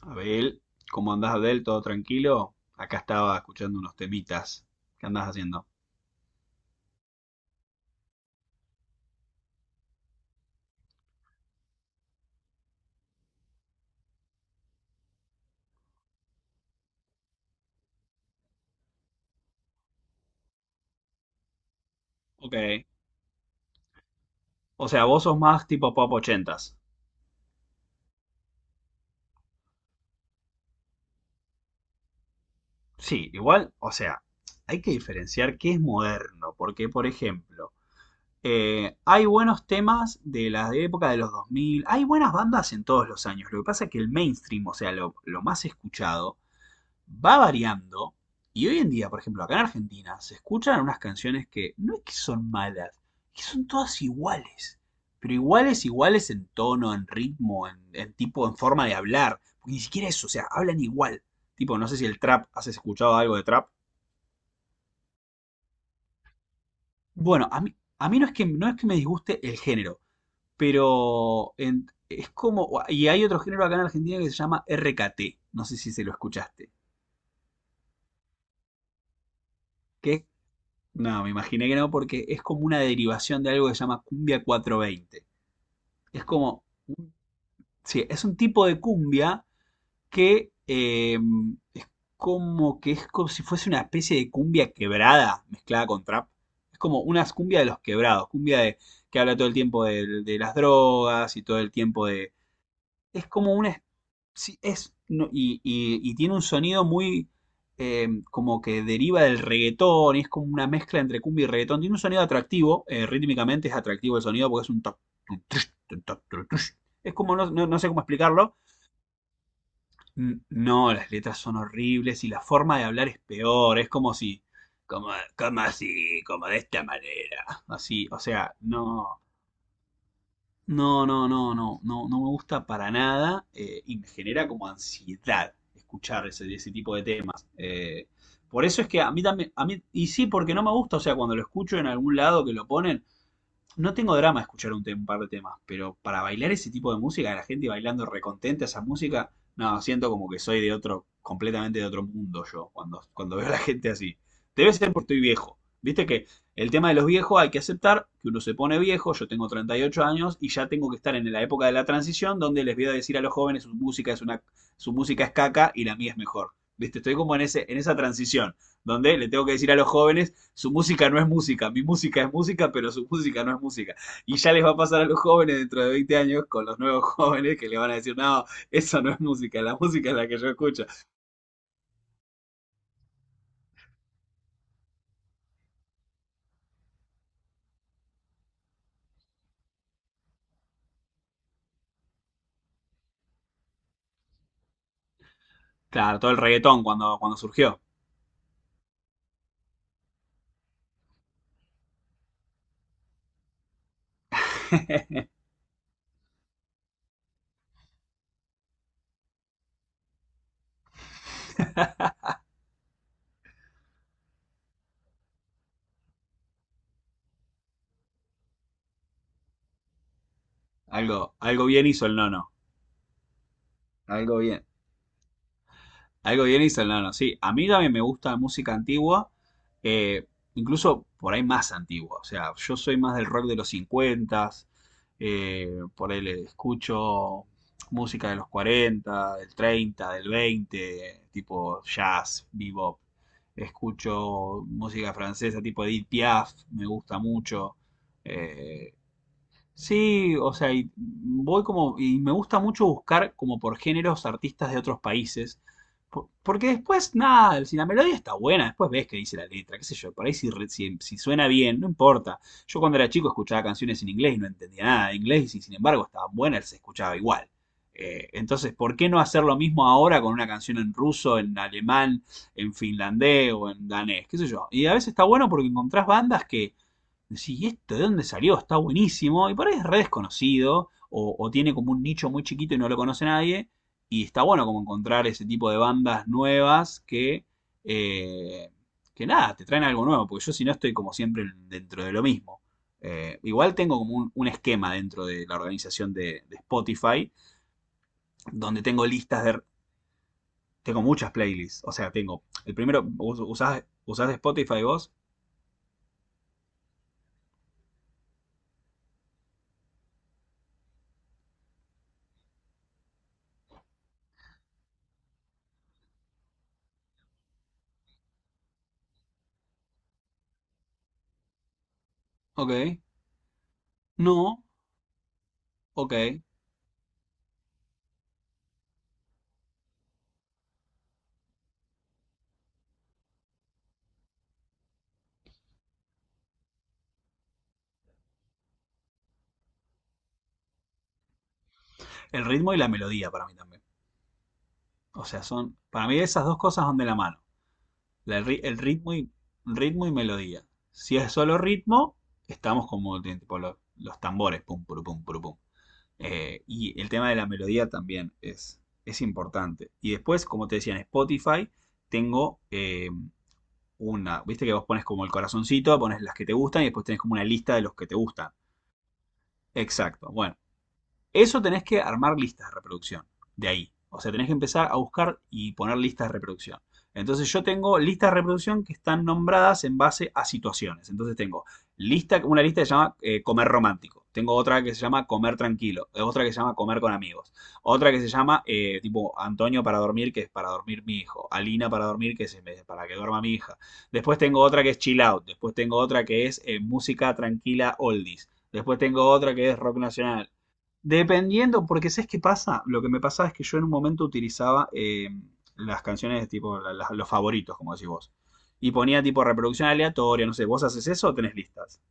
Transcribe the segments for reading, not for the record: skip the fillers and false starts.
Abel, ¿cómo andás, Abel? ¿Todo tranquilo? Acá estaba escuchando unos temitas. ¿Qué andás haciendo? Ok. O sea, vos sos más tipo pop ochentas. Sí, igual, o sea, hay que diferenciar qué es moderno, porque, por ejemplo, hay buenos temas de la época de los 2000. Hay buenas bandas en todos los años. Lo que pasa es que el mainstream, o sea, lo más escuchado, va variando. Y hoy en día, por ejemplo, acá en Argentina, se escuchan unas canciones que no es que son malas, que son todas iguales. Pero iguales, iguales en tono, en ritmo, en tipo, en forma de hablar. Porque ni siquiera eso, o sea, hablan igual. Tipo, no sé si el trap, ¿has escuchado algo de trap? Bueno, a mí no es que me disguste el género, pero es como, y hay otro género acá en Argentina que se llama RKT, no sé si se lo escuchaste, que es. No, me imaginé que no, porque es como una derivación de algo que se llama cumbia 420. Es como, sí, es un tipo de cumbia que es como que es como si fuese una especie de cumbia quebrada mezclada con trap. Es como una cumbia de los quebrados, cumbia de, que habla todo el tiempo de las drogas y todo el tiempo de. Es como una, sí, es, no, y tiene un sonido muy como que deriva del reggaetón, y es como una mezcla entre cumbia y reggaetón. Tiene un sonido atractivo, rítmicamente es atractivo el sonido porque es un. Toc, tun, tush, tun, toc, tun, tush. Es como, no, no sé cómo explicarlo. No, las letras son horribles y la forma de hablar es peor, es como si. Como, como así, como de esta manera. Así, o sea, no. No, no, no, no, no, no me gusta para nada y me genera como ansiedad escuchar ese tipo de temas. Por eso es que a mí también, a mí, y sí, porque no me gusta, o sea, cuando lo escucho en algún lado que lo ponen, no tengo drama escuchar un par de temas, pero para bailar ese tipo de música, la gente bailando recontenta esa música, no, siento como que soy de otro, completamente de otro mundo yo, cuando veo a la gente así. Debe ser porque estoy viejo. Viste que el tema de los viejos hay que aceptar que uno se pone viejo, yo tengo 38 años y ya tengo que estar en la época de la transición donde les voy a decir a los jóvenes su música es una, su música es caca y la mía es mejor. Viste, estoy como en ese, en esa transición donde le tengo que decir a los jóvenes su música no es música, mi música es música, pero su música no es música. Y ya les va a pasar a los jóvenes dentro de 20 años con los nuevos jóvenes que le van a decir, no, eso no es música, la música es la que yo escucho. Claro, todo el reggaetón cuando surgió. Algo bien hizo el nono. Algo bien. Algo bien instalado, sí. A mí también me gusta la música antigua, eh, incluso por ahí más antigua. O sea, yo soy más del rock de los 50, eh, por ahí le escucho música de los 40 del 30 del 20 tipo jazz, bebop. Escucho música francesa tipo Edith Piaf, me gusta mucho. Eh, Sí, o sea, y voy como, y me gusta mucho buscar como por géneros artistas de otros países, porque después, nada, si la melodía está buena, después ves qué dice la letra, qué sé yo, por ahí si, si suena bien, no importa. Yo cuando era chico escuchaba canciones en inglés y no entendía nada de inglés y sin embargo estaban buenas, se escuchaba igual. Entonces, ¿por qué no hacer lo mismo ahora con una canción en ruso, en alemán, en finlandés o en danés? ¿Qué sé yo? Y a veces está bueno porque encontrás bandas que decís, ¿y esto de dónde salió? Está buenísimo. Y por ahí es re desconocido, o tiene como un nicho muy chiquito y no lo conoce nadie. Y está bueno como encontrar ese tipo de bandas nuevas eh, que nada, te traen algo nuevo, porque yo si no estoy como siempre dentro de lo mismo. Igual tengo como un esquema dentro de la organización de Spotify, donde tengo listas de. Tengo muchas playlists, o sea, tengo. El primero, ¿usás Spotify vos? Ok. No, ok. El ritmo y la melodía para mí también. O sea, son. Para mí esas dos cosas son de la mano. El ritmo y, ritmo y melodía. Si es solo ritmo, estamos como tipo, los tambores. Pum, puru, pum, puru, pum. Y el tema de la melodía también es importante. Y después, como te decía, en Spotify tengo una. Viste que vos pones como el corazoncito, pones las que te gustan y después tenés como una lista de los que te gustan. Exacto. Bueno. Eso tenés que armar listas de reproducción, de ahí. O sea, tenés que empezar a buscar y poner listas de reproducción. Entonces yo tengo listas de reproducción que están nombradas en base a situaciones. Entonces tengo lista, una lista que se llama comer romántico. Tengo otra que se llama comer tranquilo. Otra que se llama comer con amigos. Otra que se llama tipo Antonio para dormir, que es para dormir mi hijo. Alina para dormir, que es para que duerma mi hija. Después tengo otra que es chill out. Después tengo otra que es música tranquila oldies. Después tengo otra que es rock nacional. Dependiendo, porque ¿sabes qué pasa? Lo que me pasaba es que yo en un momento utilizaba las canciones de tipo los favoritos, como decís vos. Y ponía tipo reproducción aleatoria, no sé, ¿vos haces eso o tenés listas?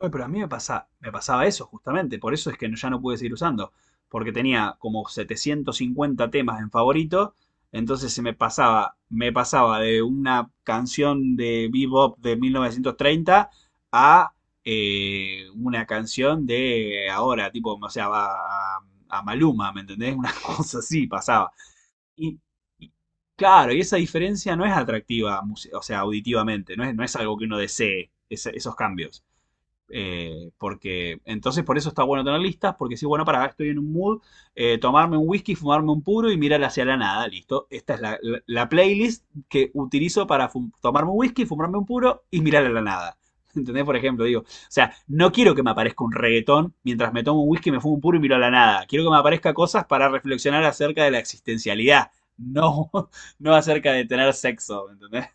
Oye, pero a mí me pasa, me pasaba eso justamente, por eso es que ya no pude seguir usando, porque tenía como 750 temas en favorito, entonces se me pasaba de una canción de bebop de 1930 a una canción de ahora, tipo, o sea, a, a Maluma, ¿me entendés? Una cosa así pasaba. Y, y- claro, y esa diferencia no es atractiva, o sea, auditivamente, no es algo que uno desee, esos cambios. Porque entonces por eso está bueno tener listas, porque si, bueno, para, acá estoy en un mood, tomarme un whisky, fumarme un puro y mirar hacia la nada, listo. Esta es la playlist que utilizo para tomarme un whisky, fumarme un puro y mirar a la nada. ¿Entendés? Por ejemplo, digo, o sea, no quiero que me aparezca un reggaetón mientras me tomo un whisky, me fumo un puro y miro a la nada. Quiero que me aparezca cosas para reflexionar acerca de la existencialidad, no, no acerca de tener sexo, ¿entendés?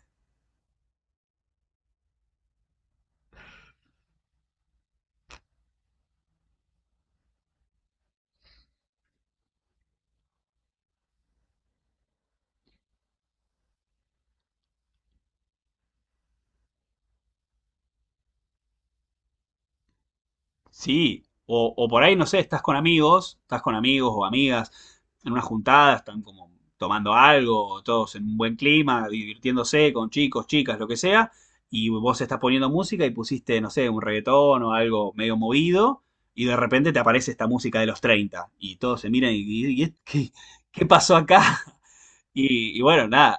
Sí, o por ahí, no sé, estás con amigos o amigas en una juntada, están como tomando algo, todos en un buen clima, divirtiéndose con chicos, chicas, lo que sea, y vos estás poniendo música y pusiste, no sé, un reggaetón o algo medio movido, y de repente te aparece esta música de los 30 y todos se miran y ¿qué, pasó acá? Y bueno, nada,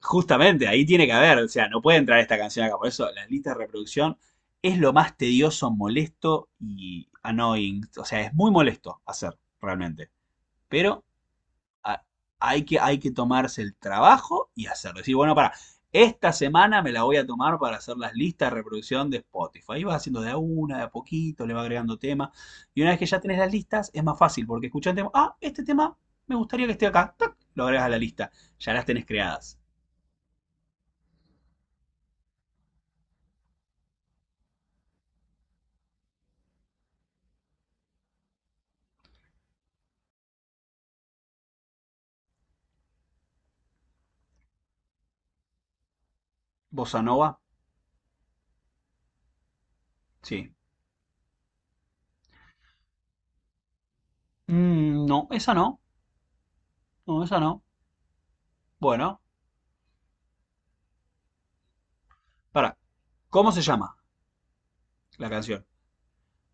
justamente, ahí tiene que haber, o sea, no puede entrar esta canción acá. Por eso, las listas de reproducción es lo más tedioso, molesto y annoying. O sea, es muy molesto hacer, realmente. Pero a- hay que tomarse el trabajo y hacerlo. Decir, bueno, para, esta semana me la voy a tomar para hacer las listas de reproducción de Spotify. Ahí vas haciendo de a una, de a poquito, le vas agregando temas. Y una vez que ya tenés las listas, es más fácil, porque escuchás el tema, ah, este tema me gustaría que esté acá. ¡Tac! Lo agregas a la lista. Ya las tenés creadas. Bossa Nova, sí. Mm, no, esa no. No, esa no. Bueno, para. ¿Cómo se llama la canción?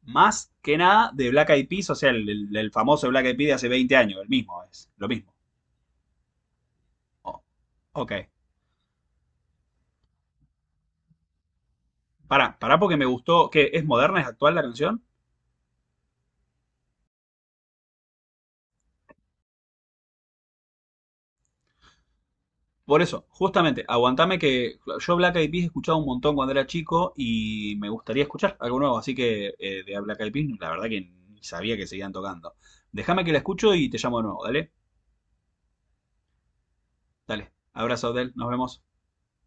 Más que nada de Black Eyed Peas, o sea, el famoso Black Eyed Peas de hace 20 años, el mismo, es lo mismo. Oh, ok. Pará, pará porque me gustó, que es moderna, es actual la canción. Por eso, justamente, aguantame que yo Black Eyed Peas he escuchado un montón cuando era chico y me gustaría escuchar algo nuevo, así que de Black Eyed Peas, la verdad que ni sabía que seguían tocando. Déjame que la escucho y te llamo de nuevo, dale, dale. Abrazo, Del, nos vemos.